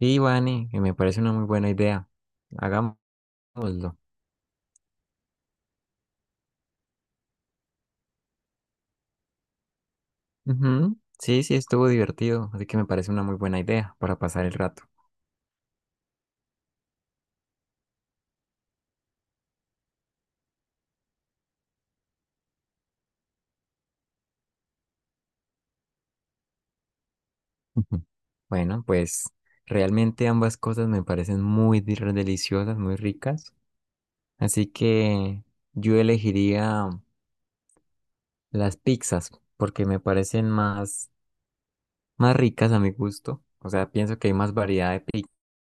Sí, Vane, que me parece una muy buena idea. Hagámoslo. Ujú. Sí, sí, estuvo divertido, así que me parece una muy buena idea para pasar el rato. Ujú. Bueno, pues realmente ambas cosas me parecen deliciosas, muy ricas, así que yo elegiría las pizzas porque me parecen más ricas a mi gusto. O sea, pienso que hay más variedad de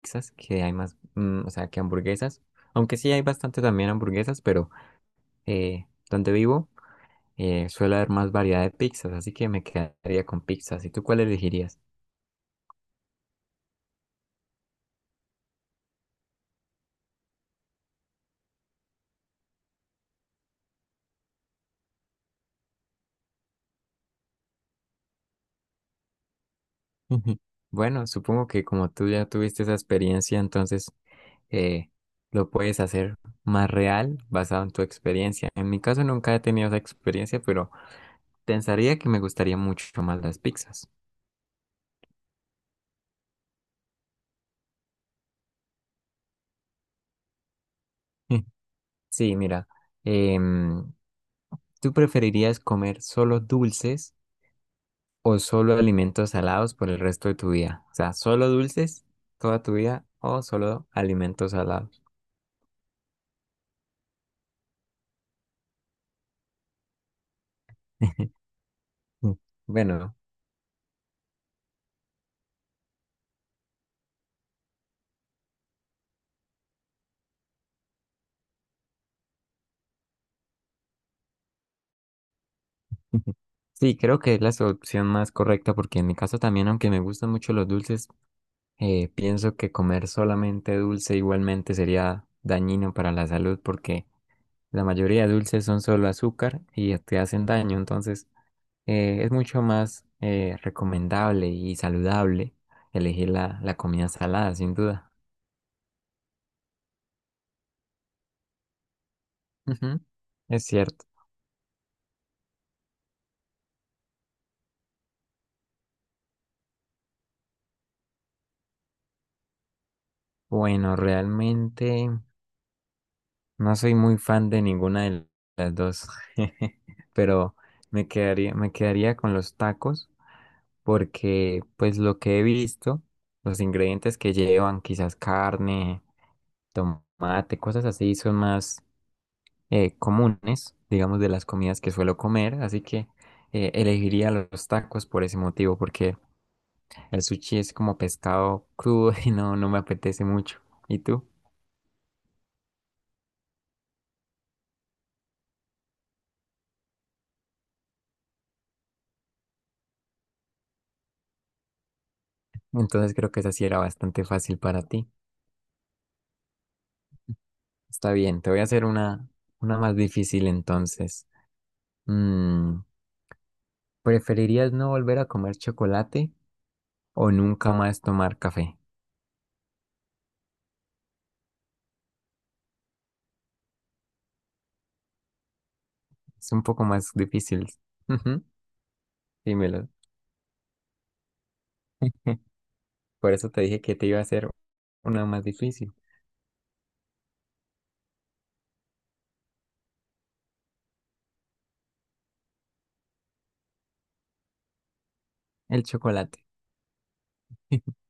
pizzas, que hay o sea, que hamburguesas, aunque sí hay bastante también hamburguesas, pero donde vivo. Suele haber más variedad de pizzas, así que me quedaría con pizzas. ¿Y tú cuál elegirías? Bueno, supongo que como tú ya tuviste esa experiencia, entonces eh, lo puedes hacer más real basado en tu experiencia. En mi caso nunca he tenido esa experiencia, pero pensaría que me gustaría mucho más las pizzas. Sí, mira, em, ¿tú preferirías comer solo dulces o solo alimentos salados por el resto de tu vida? O sea, solo dulces toda tu vida o solo alimentos salados. Bueno, sí, creo que es la solución más correcta porque en mi caso también, aunque me gustan mucho los dulces, pienso que comer solamente dulce igualmente sería dañino para la salud porque la mayoría de dulces son solo azúcar y te hacen daño, entonces es mucho más recomendable y saludable elegir la comida salada, sin duda. Ujú, es cierto. Bueno, realmente... No soy muy fan de ninguna de las dos, pero me quedaría con los tacos porque pues lo que he visto, los ingredientes que llevan, quizás carne, tomate, cosas así, son más comunes, digamos, de las comidas que suelo comer, así que elegiría los tacos por ese motivo, porque el sushi es como pescado crudo y no me apetece mucho. ¿Y tú? Entonces creo que esa sí era bastante fácil para ti. Está bien, te voy a hacer una más difícil entonces. Mm, ¿preferirías no volver a comer chocolate o nunca más tomar café? Es un poco más difícil. Ujú, dímelo. Por eso te dije que te iba a hacer una más difícil. El chocolate.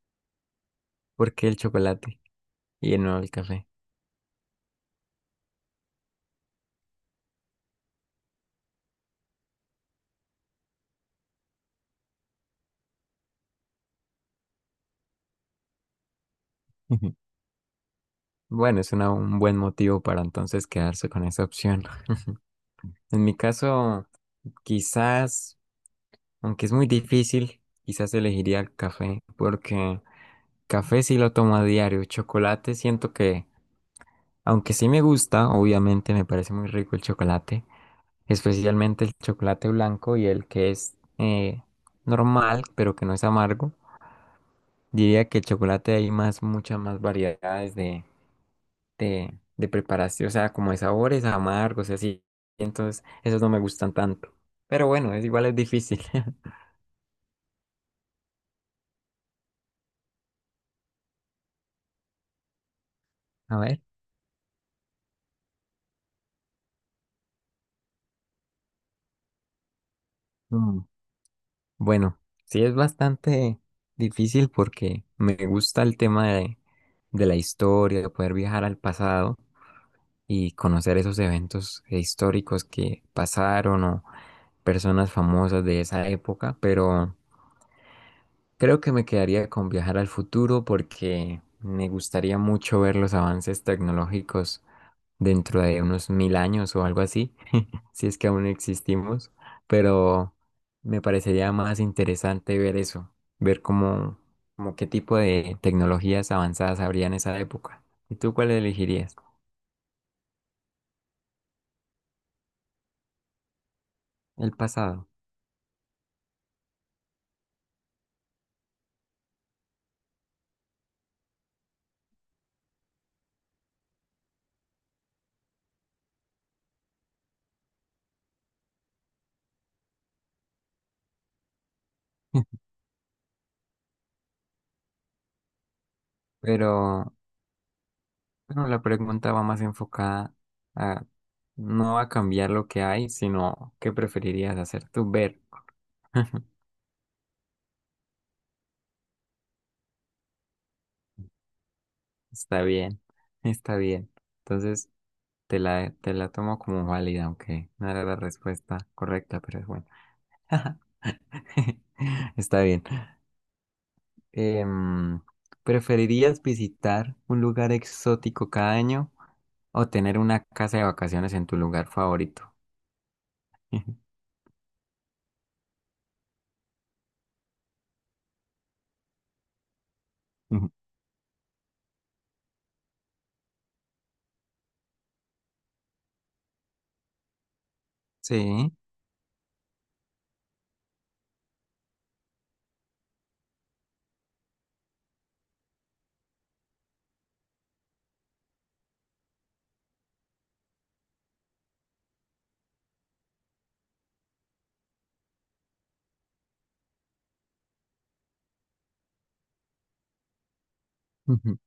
¿Por qué el chocolate y no el café? Bueno, un buen motivo para entonces quedarse con esa opción. En mi caso, quizás, aunque es muy difícil, quizás elegiría el café porque café sí lo tomo a diario. Chocolate siento que, aunque sí me gusta, obviamente me parece muy rico el chocolate, especialmente el chocolate blanco y el que es normal, pero que no es amargo. Diría que el chocolate hay muchas más variedades de preparación, o sea, como de sabores amargos y así. Entonces, esos no me gustan tanto. Pero bueno, es igual es difícil. A ver. Bueno, sí es bastante difícil porque me gusta el tema de la historia, de poder viajar al pasado y conocer esos eventos históricos que pasaron o personas famosas de esa época, pero creo que me quedaría con viajar al futuro porque me gustaría mucho ver los avances tecnológicos dentro de unos mil años o algo así si es que aún existimos, pero me parecería más interesante ver eso, ver cómo, como qué tipo de tecnologías avanzadas habría en esa época. ¿Y tú cuál elegirías? El pasado. Pero bueno, la pregunta va más enfocada a no a cambiar lo que hay, sino qué preferirías hacer tú ver. Está bien, está bien. Entonces te la tomo como válida, aunque no era la respuesta correcta, pero es bueno. Está bien. Em, ¿Preferirías visitar un lugar exótico cada año o tener una casa de vacaciones en tu lugar favorito? Sí, ujú,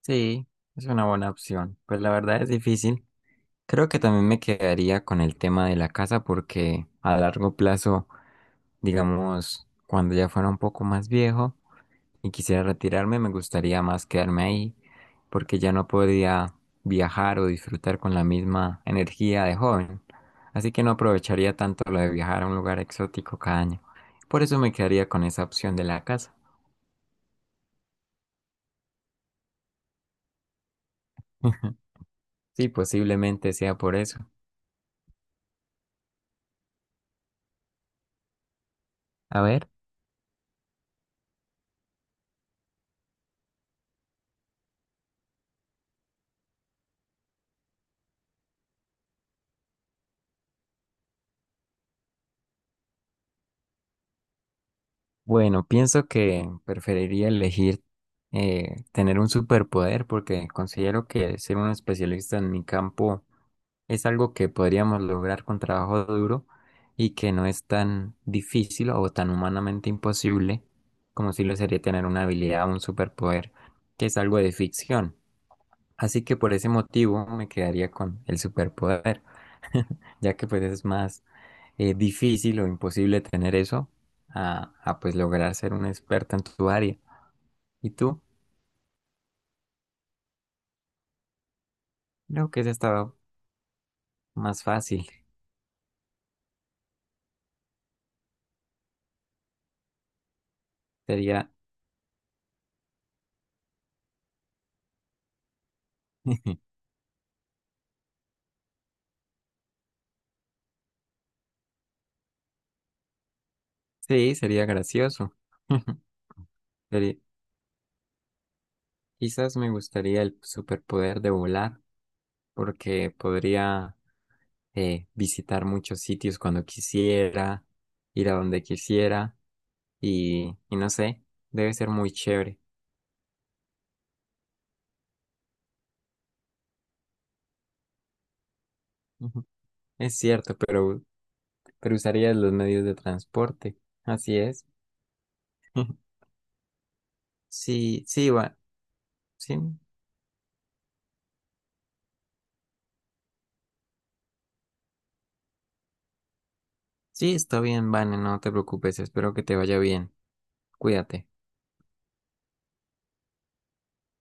sí, es una buena opción. Pues la verdad es difícil. Creo que también me quedaría con el tema de la casa porque a largo plazo, digamos, cuando ya fuera un poco más viejo, y quisiera retirarme, me gustaría más quedarme ahí porque ya no podría viajar o disfrutar con la misma energía de joven. Así que no aprovecharía tanto lo de viajar a un lugar exótico cada año. Por eso me quedaría con esa opción de la casa. Sí, posiblemente sea por eso. A ver, bueno, pienso que preferiría elegir tener un superpoder porque considero que ser un especialista en mi campo es algo que podríamos lograr con trabajo duro y que no es tan difícil o tan humanamente imposible como si lo sería tener una habilidad o un superpoder, que es algo de ficción. Así que por ese motivo me quedaría con el superpoder, ya que pues es más difícil o imposible tener eso pues lograr ser un experto en tu área. ¿Y tú? Creo que ese estaba más fácil. Sería, sí, sería gracioso. Sería- Quizás me gustaría el superpoder de volar, porque podría visitar muchos sitios cuando quisiera, ir a donde quisiera y no sé, debe ser muy chévere. Ujú. Es cierto, pero usarías los medios de transporte. Así es. Sí, sí, va. Sí, sí, está bien, Vane, no te preocupes, espero que te vaya bien. Cuídate.